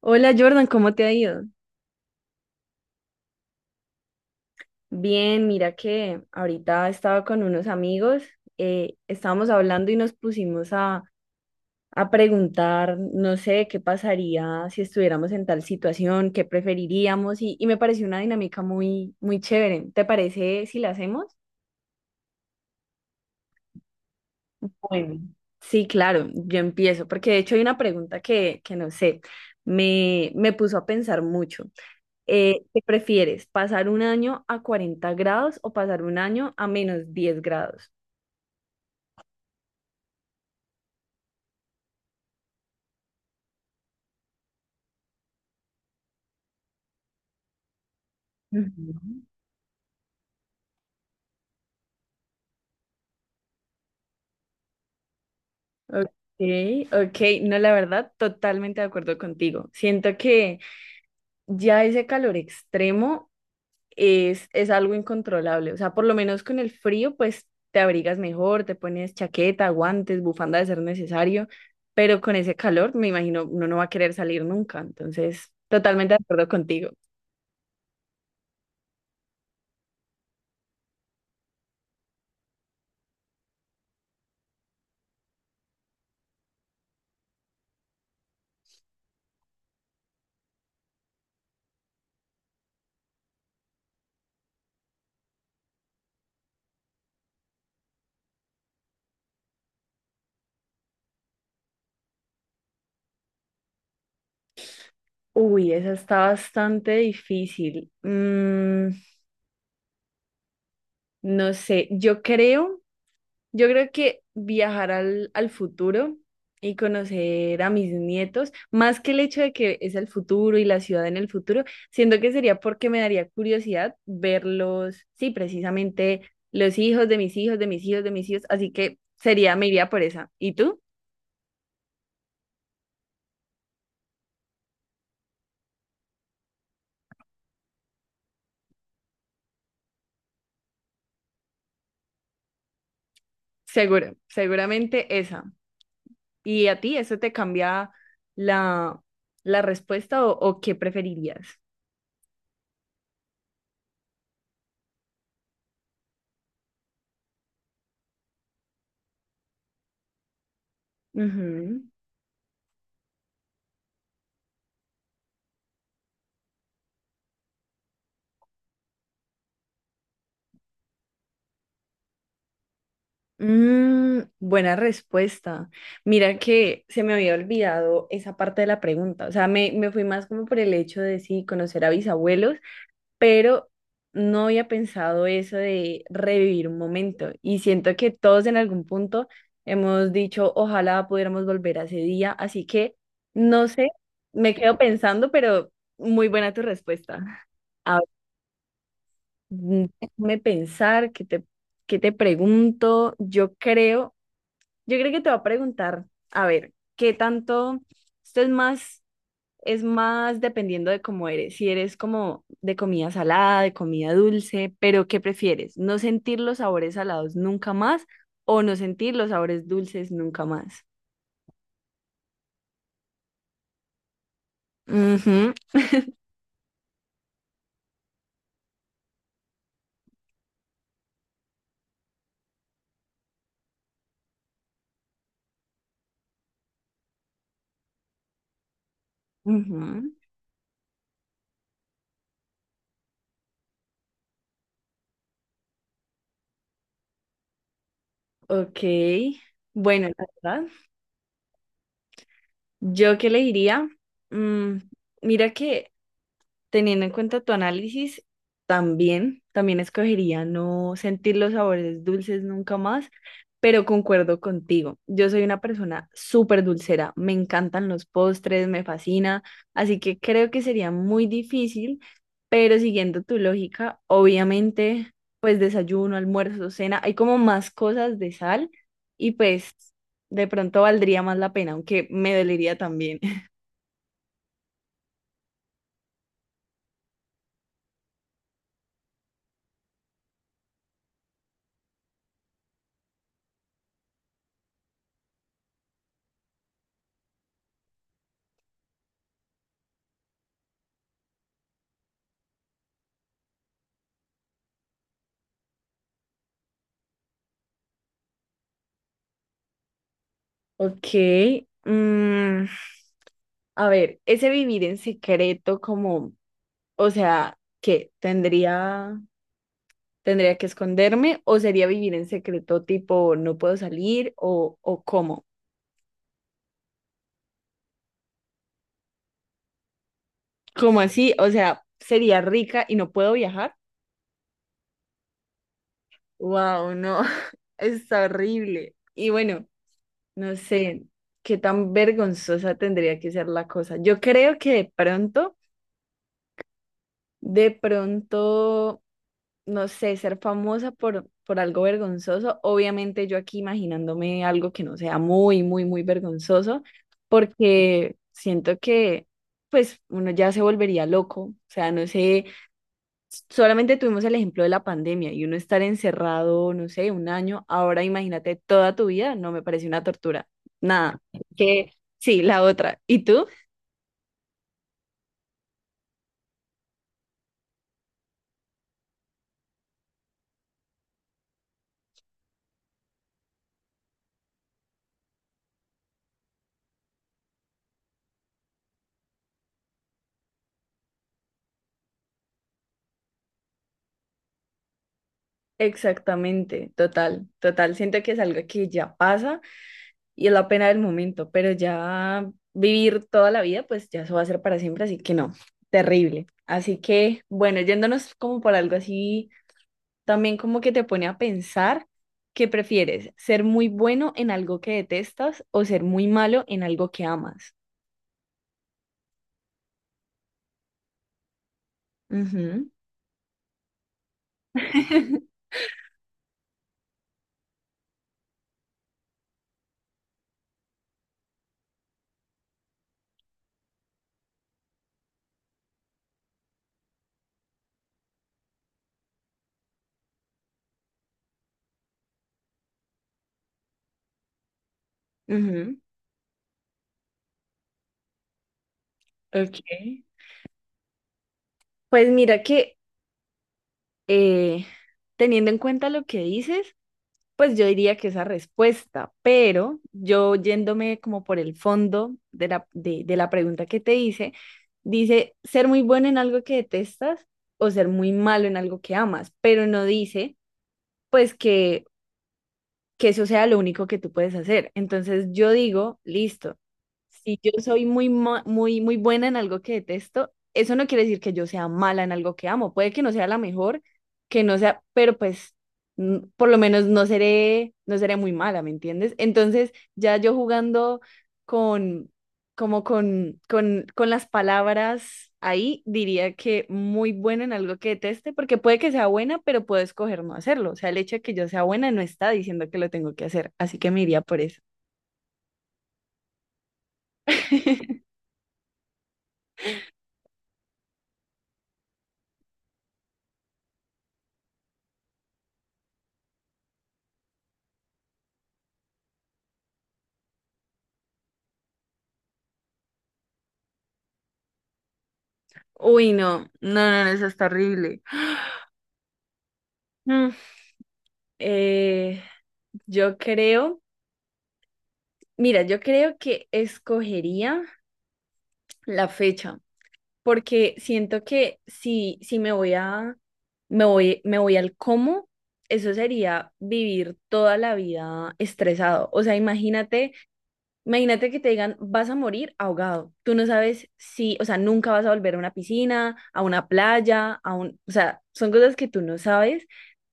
Hola Jordan, ¿cómo te ha ido? Bien, mira que ahorita estaba con unos amigos, estábamos hablando y nos pusimos a preguntar, no sé, qué pasaría si estuviéramos en tal situación, qué preferiríamos y me pareció una dinámica muy, muy chévere. ¿Te parece si la hacemos? Bueno, sí, claro, yo empiezo, porque de hecho hay una pregunta que no sé, me puso a pensar mucho. ¿Qué prefieres? ¿Pasar un año a 40 grados o pasar un año a -10 grados? Ujú. Ok, ok, no, la verdad, totalmente de acuerdo contigo. Siento que ya ese calor extremo es algo incontrolable. O sea, por lo menos con el frío, pues te abrigas mejor, te pones chaqueta, guantes, bufanda de ser necesario, pero con ese calor, me imagino, uno no va a querer salir nunca. Entonces, totalmente de acuerdo contigo. Uy, esa está bastante difícil. No sé, yo creo que viajar al futuro y conocer a mis nietos, más que el hecho de que es el futuro y la ciudad en el futuro, siento que sería porque me daría curiosidad verlos, sí, precisamente los hijos de mis hijos, de mis hijos, de mis hijos, así que sería, me iría por esa. ¿Y tú? Seguro, seguramente esa. ¿Y a ti eso te cambia la, la respuesta o qué preferirías? Ujú. Mm, buena respuesta. Mira que se me había olvidado esa parte de la pregunta. O sea, me fui más como por el hecho de sí, conocer a bisabuelos pero no había pensado eso de revivir un momento y siento que todos en algún punto hemos dicho, ojalá pudiéramos volver a ese día, así que no sé, me quedo pensando, pero muy buena tu respuesta. A ver, déjame pensar, qué te pregunto? Yo creo que te va a preguntar, a ver, ¿qué tanto, esto es más dependiendo de cómo eres. Si eres como de comida salada, de comida dulce, pero ¿qué prefieres? ¿No sentir los sabores salados nunca más o no sentir los sabores dulces nunca más? Ujú, ujú. Ok. Bueno, la verdad, yo qué le diría, Mm, mira que teniendo en cuenta tu análisis, también escogería no sentir los sabores dulces nunca más, pero concuerdo contigo. Yo soy una persona súper dulcera, me encantan los postres, me fascina, así que creo que sería muy difícil, pero siguiendo tu lógica, obviamente, pues desayuno, almuerzo, cena, hay como más cosas de sal y pues de pronto valdría más la pena, aunque me dolería también. Ok. mm, A ver, ese vivir en secreto como, o sea, ¿qué? ¿Tendría que esconderme o sería vivir en secreto tipo no puedo salir o cómo? ¿Cómo así? O sea, ¿sería rica y no puedo viajar? Wow, no, es horrible. Y bueno, no sé qué tan vergonzosa tendría que ser la cosa. Yo creo que de pronto no sé, ser famosa por algo vergonzoso. Obviamente yo aquí imaginándome algo que no sea muy, muy, muy vergonzoso, porque siento que pues uno ya se volvería loco. O sea, no sé, solamente tuvimos el ejemplo de la pandemia y uno estar encerrado, no sé, un año, ahora imagínate toda tu vida, no me parece una tortura. Nada, que sí, la otra. ¿Y tú? Exactamente, total, total. Siento que es algo que ya pasa y es la pena del momento, pero ya vivir toda la vida, pues ya eso va a ser para siempre, así que no, terrible. Así que, bueno, yéndonos como por algo así, también como que te pone a pensar qué prefieres, ser muy bueno en algo que detestas o ser muy malo en algo que amas. Ujú, ujú, ok. Pues mira que eh, teniendo en cuenta lo que dices, pues yo diría que esa respuesta, pero yo yéndome como por el fondo de de la pregunta que te hice, dice ser muy bueno en algo que detestas o ser muy malo en algo que amas, pero no dice pues que eso sea lo único que tú puedes hacer. Entonces yo digo, listo, si yo soy muy, muy buena en algo que detesto, eso no quiere decir que yo sea mala en algo que amo. Puede que no sea la mejor, que no sea, pero pues por lo menos no seré muy mala, ¿me entiendes? Entonces ya yo jugando con como con las palabras ahí, diría que muy buena en algo que deteste, porque puede que sea buena, pero puedo escoger no hacerlo. O sea, el hecho de que yo sea buena no está diciendo que lo tengo que hacer, así que me iría por eso. Uy, no, no, no, no, eso está horrible. Mm, eh, yo creo, mira, yo creo que escogería la fecha. Porque siento que si me voy a, me voy al cómo, eso sería vivir toda la vida estresado. O sea, imagínate, imagínate que te digan, vas a morir ahogado. Tú no sabes si, o sea, nunca vas a volver a una piscina, a una playa, a un, o sea, son cosas que tú no sabes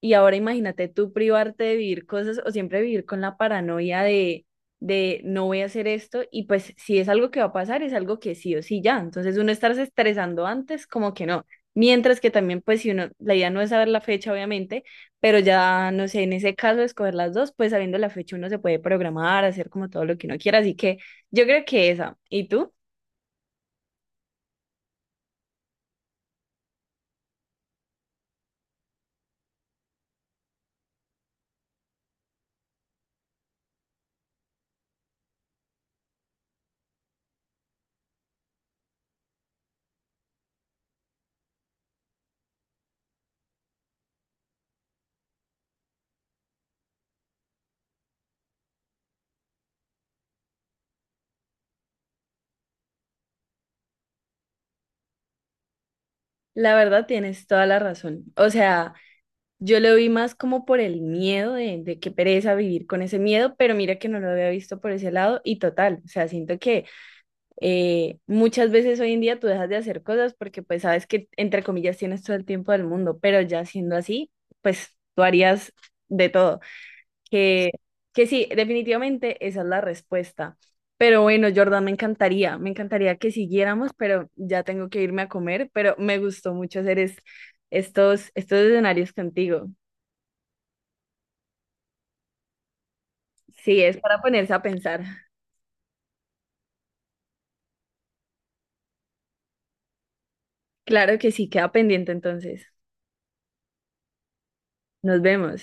y ahora imagínate tú privarte de vivir cosas o siempre vivir con la paranoia de no voy a hacer esto y pues si es algo que va a pasar, es algo que sí o sí ya. Entonces uno estarse estresando antes, como que no. Mientras que también pues si uno, la idea no es saber la fecha obviamente, pero ya no sé, en ese caso escoger las dos, pues sabiendo la fecha uno se puede programar, hacer como todo lo que uno quiera. Así que yo creo que esa. ¿Y tú? La verdad tienes toda la razón. O sea. Yo lo vi más como por el miedo de qué pereza vivir con ese miedo, pero mira que no lo había visto por ese lado y total, o sea, siento que muchas veces hoy en día tú dejas de hacer cosas porque pues sabes que entre comillas tienes todo el tiempo del mundo, pero ya siendo así, pues tú harías de todo. Que, que sí, definitivamente esa es la respuesta. Pero bueno, Jordan, me encantaría que siguiéramos, pero ya tengo que irme a comer, pero me gustó mucho hacer estos escenarios contigo. Sí, es para ponerse a pensar. Claro que sí, queda pendiente entonces. Nos vemos.